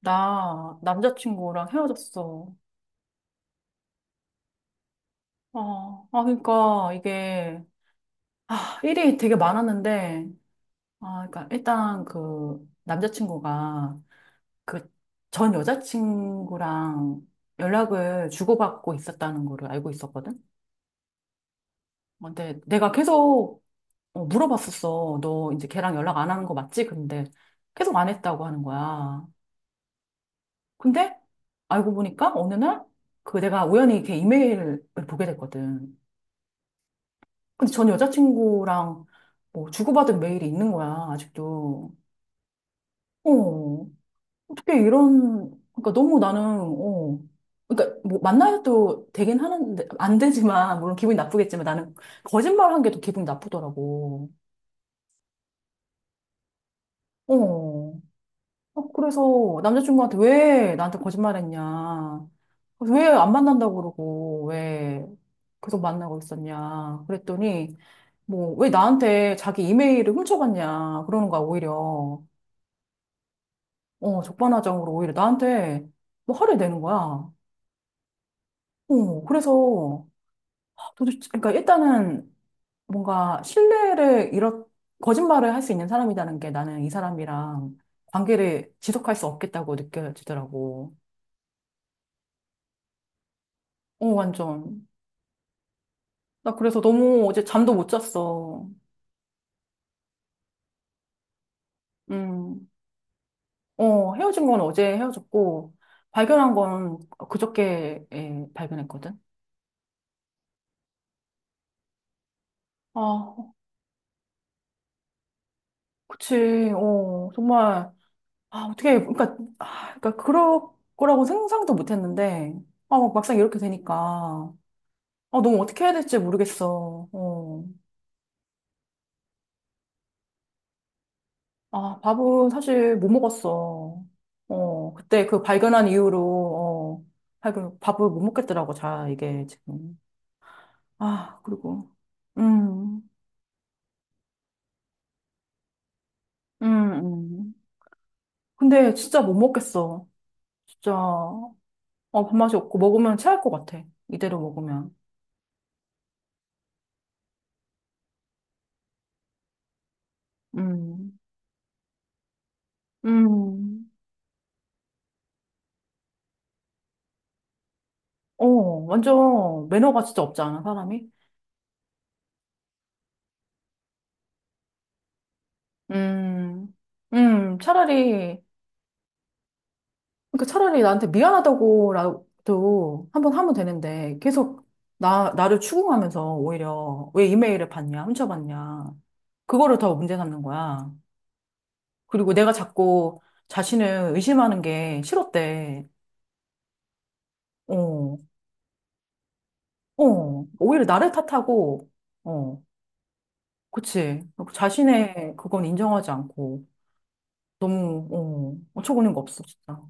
나 남자친구랑 헤어졌어. 아, 아, 그러니까 이게, 아, 일이 되게 많았는데, 아, 그러니까 일단 그 남자친구가 그 전 여자친구랑 연락을 주고받고 있었다는 거를 알고 있었거든? 어, 근데 내가 계속 어, 물어봤었어. 너 이제 걔랑 연락 안 하는 거 맞지? 근데 계속 안 했다고 하는 거야. 근데 알고 보니까 어느 날 그 내가 우연히 걔 이메일을 보게 됐거든. 근데 전 여자친구랑 뭐 주고받은 메일이 있는 거야, 아직도. 어, 어떻게 이런, 그러니까 너무 나는, 어, 그러니까 뭐 만나도 되긴 하는데, 안 되지만, 물론 기분이 나쁘겠지만 나는 거짓말 한 게 더 기분이 나쁘더라고. 어, 어, 그래서 남자친구한테 왜 나한테 거짓말 했냐. 왜 안 만난다고 그러고, 왜 계속 만나고 있었냐. 그랬더니, 뭐, 왜 나한테 자기 이메일을 훔쳐갔냐. 그러는 거야, 오히려. 어, 적반하장으로 오히려 나한테 뭐 화를 내는 거야. 어, 그래서 도대체, 그러니까 일단은 뭔가 신뢰를 잃어, 거짓말을 할 수 있는 사람이라는 게 나는 이 사람이랑 관계를 지속할 수 없겠다고 느껴지더라고. 어, 완전. 나 그래서 너무 어제 잠도 못 잤어. 음, 어, 헤어진 건 어제 헤어졌고, 발견한 건 그저께 예, 발견했거든. 아, 그치. 어, 정말. 아, 어떻게, 그러니까, 아, 그러니까 그럴 거라고 생각도 못 했는데, 아, 막 막상 이렇게 되니까, 아, 너무 어떻게 해야 될지 모르겠어. 어. 아, 밥은 사실 못 먹었어. 어, 그때 그 발견한 이후로, 어, 발견, 밥을 못 먹겠더라고, 자, 이게 지금. 아, 그리고, 음, 음, 음. 근데 진짜 못 먹겠어. 진짜, 어, 밥맛이 없고, 먹으면 체할 것 같아. 이대로 먹으면. 음, 음. 어, 완전 매너가 진짜 없지 않아, 사람이? 음, 차라리, 그러니까 차라리 나한테 미안하다고라도 한번 하면 되는데, 계속 나를 추궁하면서 오히려 왜 이메일을 봤냐, 훔쳐봤냐, 그거를 더 문제 삼는 거야. 그리고 내가 자꾸 자신을 의심하는 게 싫었대. 어, 어, 오히려 나를 탓하고, 어, 그치. 자신의 그건 인정하지 않고, 너무, 어, 어처구니가 없어, 진짜.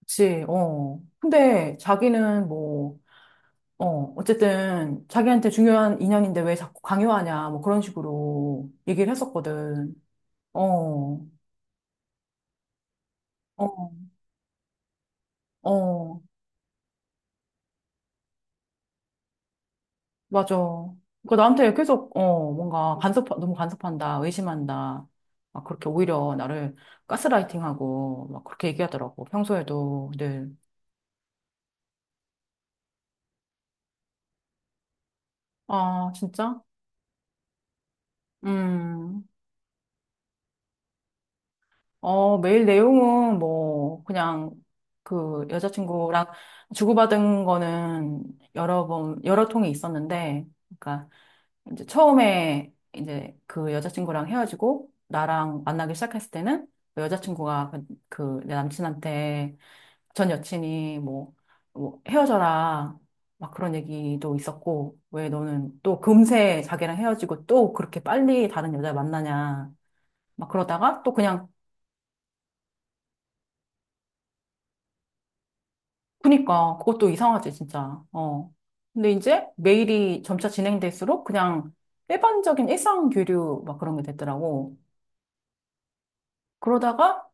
그치, 어. 근데 자기는 뭐, 어, 어쨌든 자기한테 중요한 인연인데 왜 자꾸 강요하냐, 뭐 그런 식으로 얘기를 했었거든. 어, 어, 어, 맞아. 그러니까 나한테 계속, 어, 뭔가 간섭, 너무 간섭한다, 의심한다. 막 그렇게 오히려 나를 가스라이팅하고 막 그렇게 얘기하더라고. 평소에도 늘. 아, 진짜? 음. 어, 메일 내용은 뭐, 그냥 그 여자친구랑 주고받은 거는 여러 번, 여러 통이 있었는데, 그러니까 이제 처음에 이제 그 여자친구랑 헤어지고 나랑 만나기 시작했을 때는 그 여자친구가 그 내 남친한테 전 여친이 뭐, 뭐 헤어져라. 막 그런 얘기도 있었고, 왜 너는 또 금세 자기랑 헤어지고 또 그렇게 빨리 다른 여자 만나냐. 막 그러다가 또 그냥 그니까 그것도 이상하지 진짜. 어. 근데 이제 메일이 점차 진행될수록 그냥 일반적인 일상 교류 막 그런 게 됐더라고. 그러다가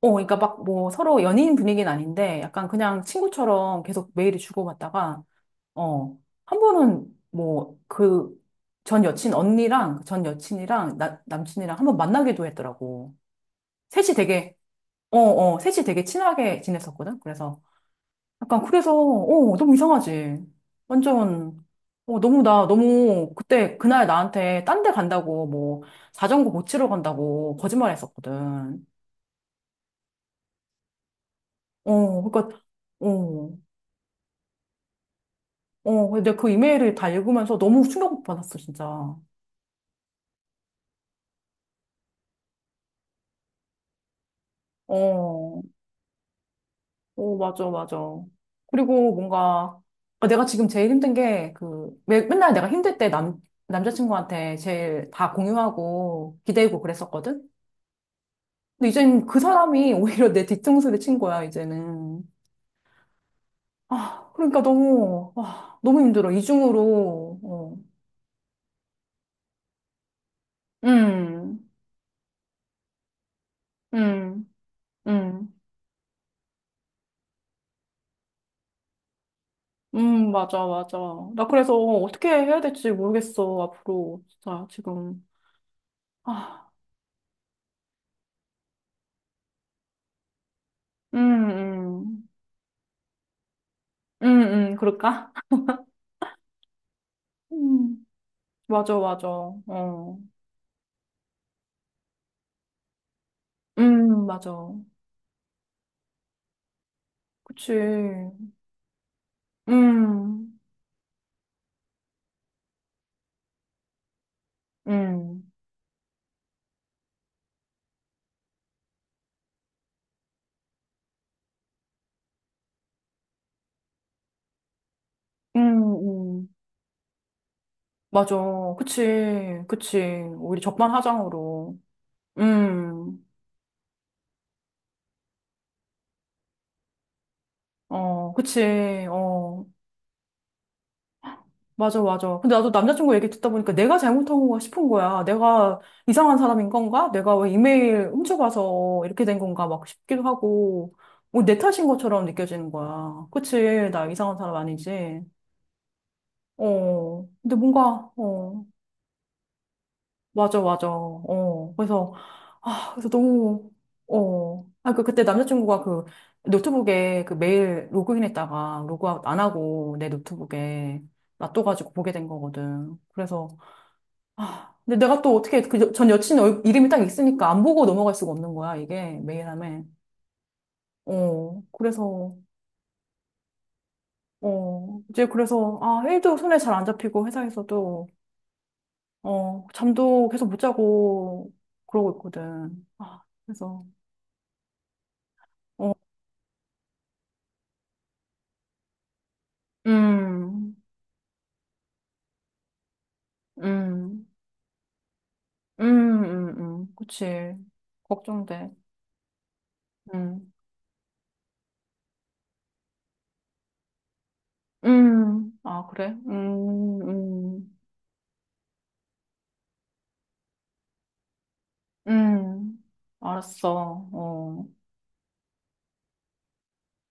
어, 그러니까 막 뭐 서로 연인 분위기는 아닌데 약간 그냥 친구처럼 계속 메일을 주고받다가 어, 한 번은 뭐 그 전 여친 언니랑 그 전 여친이랑 나, 남친이랑 한 번 만나기도 했더라고. 셋이 되게 어, 어, 셋이 되게 친하게 지냈었거든. 그래서 약간 그래서 어 너무 이상하지. 완전 어 너무 나 너무 그때 그날 나한테 딴데 간다고 뭐 자전거 고치러 간다고 거짓말했었거든. 어 그러니까 어 어 근데 그 이메일을 다 읽으면서 너무 충격 받았어 진짜. 어, 어 맞아 맞아. 그리고 뭔가 아, 내가 지금 제일 힘든 게 그 왜, 맨날 내가 힘들 때 남 남자친구한테 제일 다 공유하고 기대고 그랬었거든. 근데 이제는 그 사람이 오히려 내 뒤통수를 친 거야, 이제는. 아, 그러니까 너무, 아, 너무 힘들어. 이중으로, 어. 음, 음, 음, 맞아, 맞아. 나 그래서 어떻게 해야 될지 모르겠어, 앞으로. 진짜, 지금. 아, 음, 음, 그럴까? 음, 맞아, 맞아. 어, 맞아. 그치. 음, 음, 음. 맞아. 그치. 그치. 우리 적반하장으로. 음. 어, 그치. 어. 맞아, 맞아. 근데 나도 남자친구 얘기 듣다 보니까 내가 잘못한 건가 싶은 거야. 내가 이상한 사람인 건가? 내가 왜 이메일 훔쳐가서 이렇게 된 건가? 막 싶기도 하고. 뭐 내 탓인 것처럼 느껴지는 거야. 그치. 나 이상한 사람 아니지. 어. 근데 뭔가, 어. 맞아, 맞아. 어, 그래서, 아, 그래서 너무, 어. 아, 그, 그때 남자친구가 그 노트북에 그 메일 로그인했다가 로그아웃 안 하고 내 노트북에 놔둬가지고 보게 된 거거든. 그래서, 아, 근데 내가 또 어떻게, 그 전 여친 이름이 딱 있으니까 안 보고 넘어갈 수가 없는 거야, 이게, 메일함에. 어, 그래서, 어, 이제 그래서, 아, 일도 손에 잘 안 잡히고 회사에서도, 어, 잠도 계속 못 자고 그러고 있거든. 아, 그래서. 어. 음, 음, 그치. 걱정돼. 음, 아, 그래? 음. 알았어. 어,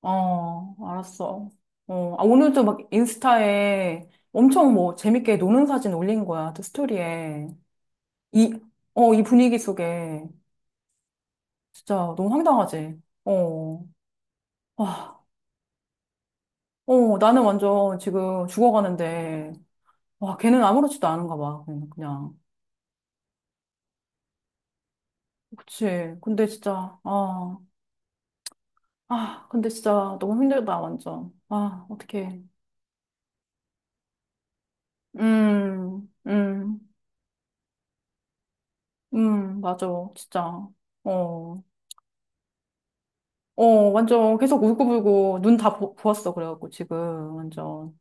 어, 알았어. 어, 아, 오늘도 막 인스타에 엄청 뭐 재밌게 노는 사진 올린 거야. 또 스토리에. 이, 어, 이 분위기 속에. 진짜 너무 황당하지? 어, 와, 어, 나는 완전 지금 죽어가는데. 와, 걔는 아무렇지도 않은가 봐. 그냥. 그냥. 그치. 근데 진짜, 아, 아, 근데 진짜 너무 힘들다, 완전. 아, 어떡해. 음, 음, 맞아. 진짜. 어, 어, 완전 계속 울고불고 눈 다 부었어. 그래갖고 지금, 완전.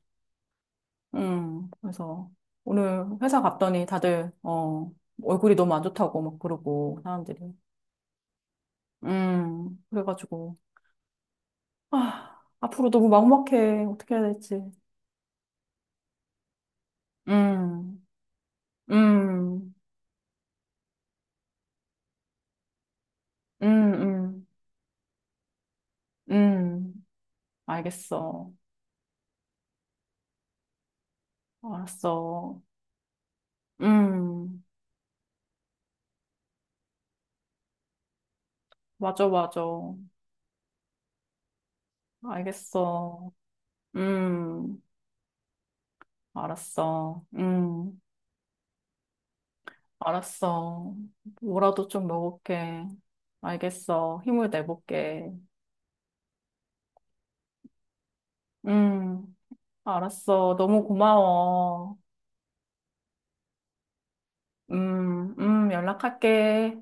그래서 오늘 회사 갔더니 다들, 어, 얼굴이 너무 안 좋다고 막 그러고, 사람들이. 그래가지고, 아, 앞으로 너무 막막해. 어떻게 해야 될지. 음, 음, 음, 음. 음, 알겠어. 알았어. 음, 맞아, 맞아. 알겠어. 음, 알았어. 알았어. 뭐라도 좀 먹을게. 알겠어. 힘을 내볼게. 음, 알았어. 너무 고마워. 연락할게.